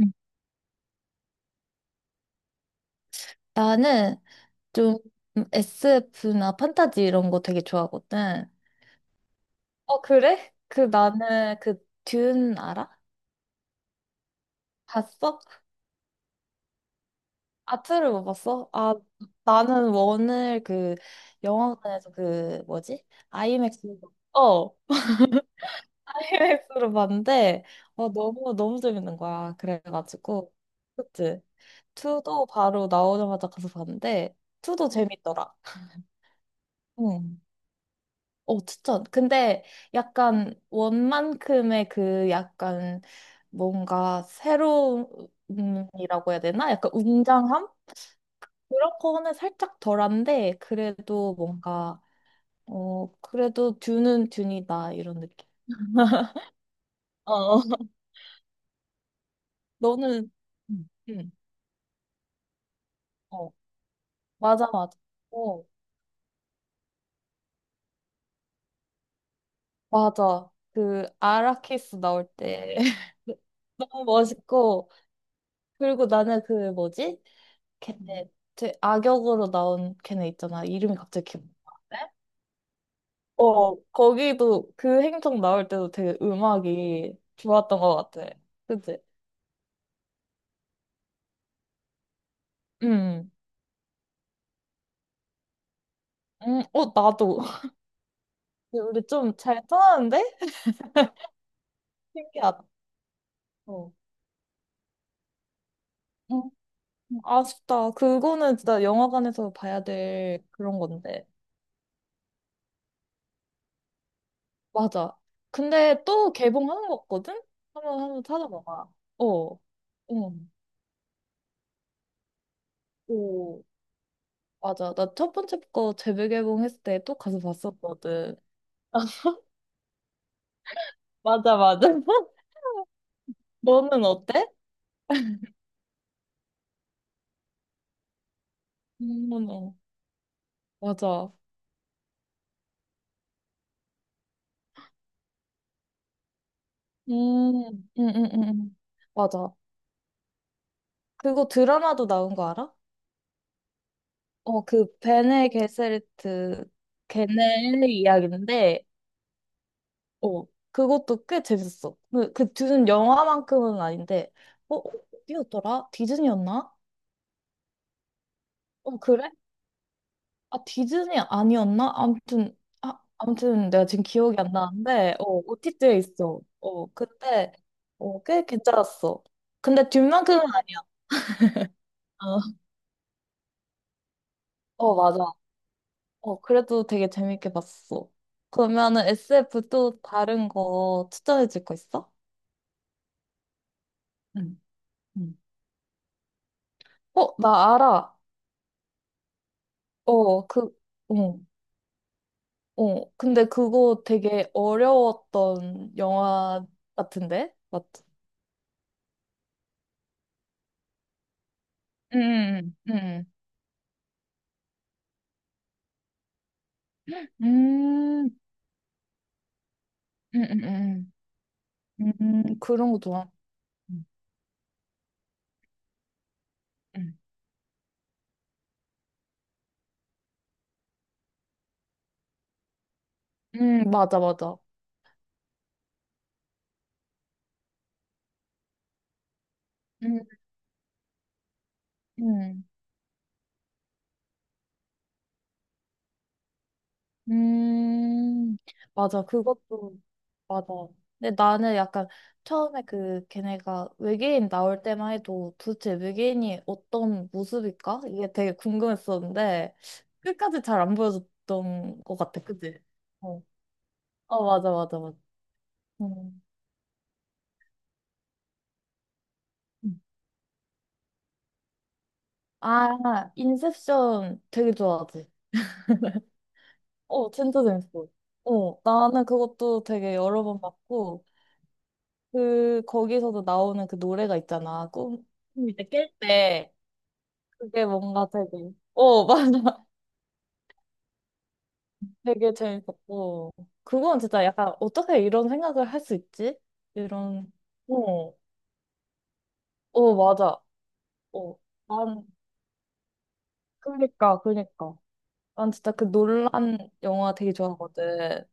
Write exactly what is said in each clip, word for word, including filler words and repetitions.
음. 나는 좀 에스에프나 판타지 이런 거 되게 좋아하거든. 어, 그래? 그 나는 그 듄 알아? 봤어? 아, 투를 못 봤어? 아, 나는 원을 그 영화관에서 그 뭐지? 아이맥스로 어, 아이맥스로 봤는데 어, 너무 너무 재밌는 거야. 그래가지고 그치? 투도 바로 나오자마자 가서 봤는데 투도 재밌더라. 어, 추천. 근데 약간 원만큼의 그 약간 뭔가 새로움이라고 해야 되나? 약간 웅장함? 그런 거는 살짝 덜한데, 그래도 뭔가, 어, 그래도 듀는 듀니다, 이런 느낌. 어. 너는, 응, 응, 어, 맞아, 맞아. 어, 맞아. 그 아라키스 나올 때. 너무 멋있고, 그리고 나는 그 뭐지? 걔네 제 악역으로 나온 걔네 있잖아. 이름이 갑자기 기억. 네? 어, 거기도 그 행성 나올 때도 되게 음악이 좋았던 것 같아. 그치? 음, 음, 어, 나도. 근데 우리 좀 잘 떠나는데? 신기하다. 어. 음, 아쉽다. 그거는 진짜 영화관에서 봐야 될 그런 건데. 맞아. 근데 또 개봉하는 거 같거든? 한번, 한번 찾아봐봐. 어. 응. 오. 맞아. 나 첫 번째 거 재개봉했을 때 또 가서 봤었거든. 맞아, 맞아. 너는 어때? 어머나. 맞아. 음, 음, 음, 음. 음. 맞아. 그거 드라마도 나온 거 알아? 어, 그 베네 게세리트 걔네 이야기인데, 어, 그것도 꽤 재밌었어. 그, 그 둘은 영화만큼은 아닌데, 어, 어디였더라? 디즈니였나? 어, 그래? 아, 디즈니 아니었나? 아무튼, 아, 아무튼 내가 지금 기억이 안 나는데, 어, 오티티에 있어. 어, 그때, 어, 꽤 괜찮았어. 근데 뒷만큼은 아니야. 어, 어, 맞아. 어, 그래도 되게 재밌게 봤어. 그러면은 에스에프 또 다른 거 추천해 줄 거 있어? 응, 응. 어, 나 알아. 어, 그, 어, 어. 근데 그거 되게 어려웠던 영화 같은데? 맞지? 응, 응. 음, 음, 음, 음, 음, 그런 거 좋아. 음, 음, 음, 맞아, 맞아. 음, 음, 음, 맞아. 그것도 맞아. 근데 나는 약간 처음에 그 걔네가 외계인 나올 때만 해도 도대체 외계인이 어떤 모습일까? 이게 되게 궁금했었는데 끝까지 잘 안 보여줬던 것 같아. 그치? 어, 어, 맞아, 맞아, 맞아. 음. 음. 아, 인셉션 되게 좋아하지. 어, 진짜 재밌어. 어, 나는 그것도 되게 여러 번 봤고, 그, 거기서도 나오는 그 노래가 있잖아. 꿈, 꿈 이제 깰 때. 그게 뭔가 되게, 어, 맞아. 되게 재밌었고. 그건 진짜 약간, 어떻게 이런 생각을 할 수 있지? 이런, 어, 어, 맞아. 어, 난, 그니까, 그니까. 난 진짜 그 논란 영화 되게 좋아하거든.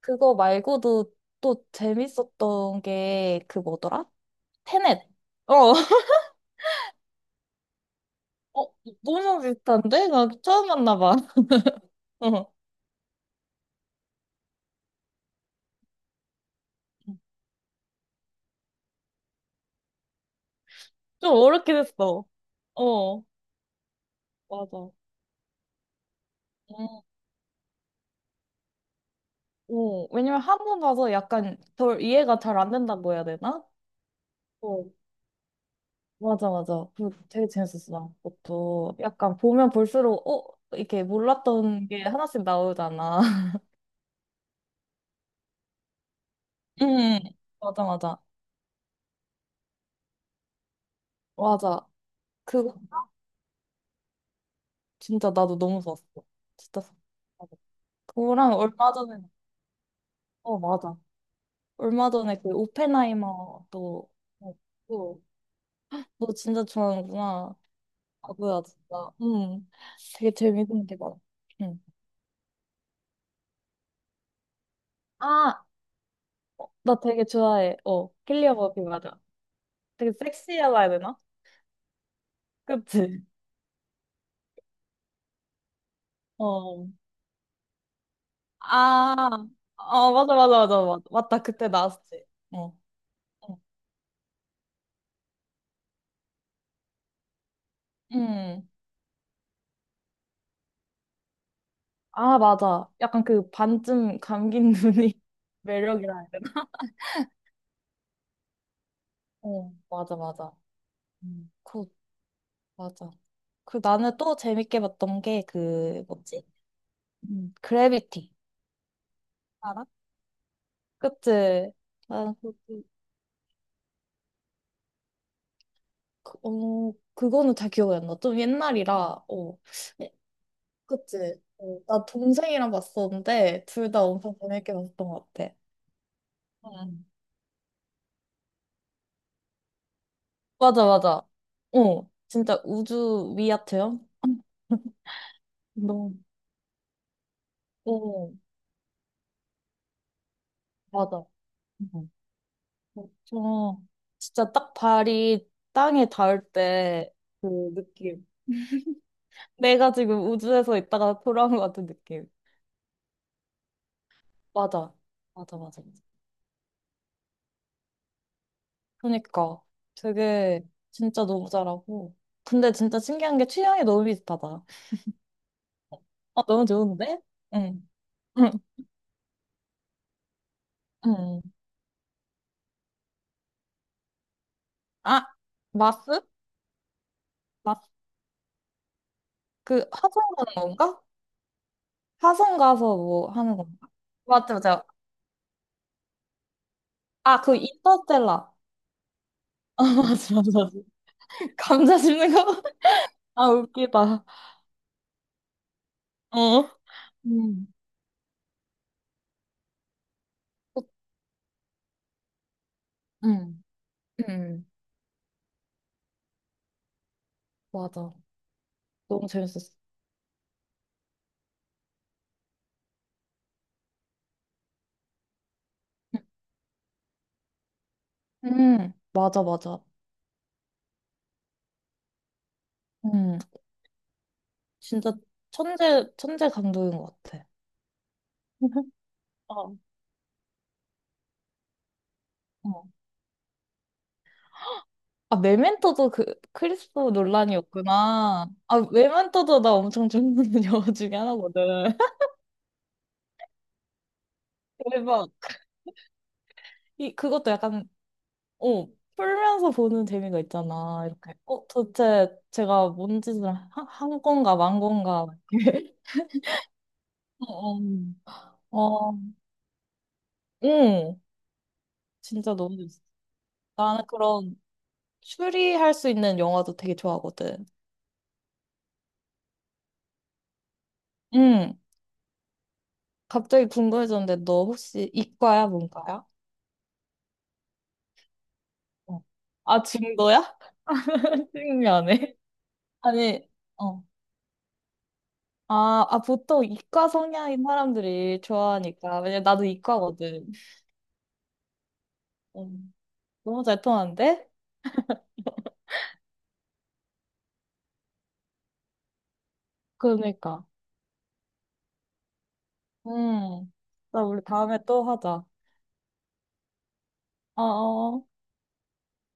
그거 말고도 또 재밌었던 게 그 뭐더라? 테넷. 어. 어, 너무 비슷한데? 나 처음 만나봐. 어, 좀 어렵긴 했어. 어, 맞아. 음. 어, 왜냐면 한 번 봐서 약간 덜 이해가 잘 안 된다고 해야 되나? 어, 맞아, 맞아. 그 되게 재밌었어, 나 그것도. 약간 보면 볼수록, 어, 이렇게 몰랐던 게 하나씩 나오잖아. 응, 맞아, 맞아. 맞아. 그거 진짜 나도 너무 좋았어. 진짜. 좋았어. 맞아. 그거랑 얼마 전에, 어, 맞아. 얼마 전에 그 오펜하이머도 봤고 너 진짜 좋아하는구나. 아 뭐야 진짜. 응. 되게 재밌는 게 많아. 응. 아, 어, 나 되게 좋아해. 어, 킬리어 버피 맞아. 되게 섹시하다 해야 되나? 그치? 어. 아, 어 맞아 맞아 맞아 맞 맞다 그때 나왔지. 어. 어. 응. 아 맞아. 약간 그 반쯤 감긴 눈이 매력이라 해야 되나? 어 맞아 맞아. 음, 굿 맞아. 그 나는 또 재밌게 봤던 게 그 뭐지? 음, 그래비티 알아? 그치? 나는 그, 그, 그- 어, 그거는 잘 기억이 안 나. 좀 옛날이라. 어. 예, 그치? 어, 나 동생이랑 봤었는데 둘 다 엄청 재밌게 봤던 것 같아. 응. 맞아 맞아. 어. 진짜 우주 위아트형? 너무. 어. 맞아. 응. 저 진짜 딱 발이 땅에 닿을 때 그 느낌. 내가 지금 우주에서 있다가 돌아온 것 같은 느낌. 맞아. 맞아, 맞아. 그러니까 되게 진짜 너무 잘하고. 근데 진짜 신기한 게 취향이 너무 비슷하다. 아 너무 좋은데? 응. 응. 응. 응. 아, 마스? 마스? 그 화성 가는 건가? 화성 가서 뭐 하는 건가? 맞아, 맞아. 아, 그 인터스텔라. 아, 맞아, 맞아. 맞아. 감자 씹는 거? 아, 웃기다. 어. 음. 음. 음. 맞아. 너무 재밌었어. 음, 맞아, 맞아. 음, 진짜 천재, 천재 감독인 것 같아. 어. 어. 아, 메멘토도 그 크리스토 논란이었구나. 아, 메멘토도 나 엄청 좋아하는 영화 중에 하나거든. 대박. 이, 그것도 약간, 어, 풀면서 보는 재미가 있잖아. 이렇게, 어, 도대체 제가 뭔 짓을 한, 한 건가, 만 건가. 이렇게. 어, 어, 어, 응. 진짜 너무 재밌어. 나는 그런 추리할 수 있는 영화도 되게 좋아하거든. 응. 갑자기 궁금해졌는데 너 혹시 이과야, 문과야? 어. 아, 증거야? 신기하네. 아니, 어. 아, 아, 보통 이과 성향인 사람들이 좋아하니까. 왜냐면 나도 이과거든. 음, 너무 잘 통하는데? 그러니까. 음. 나 우리 다음에 또 하자. 어어.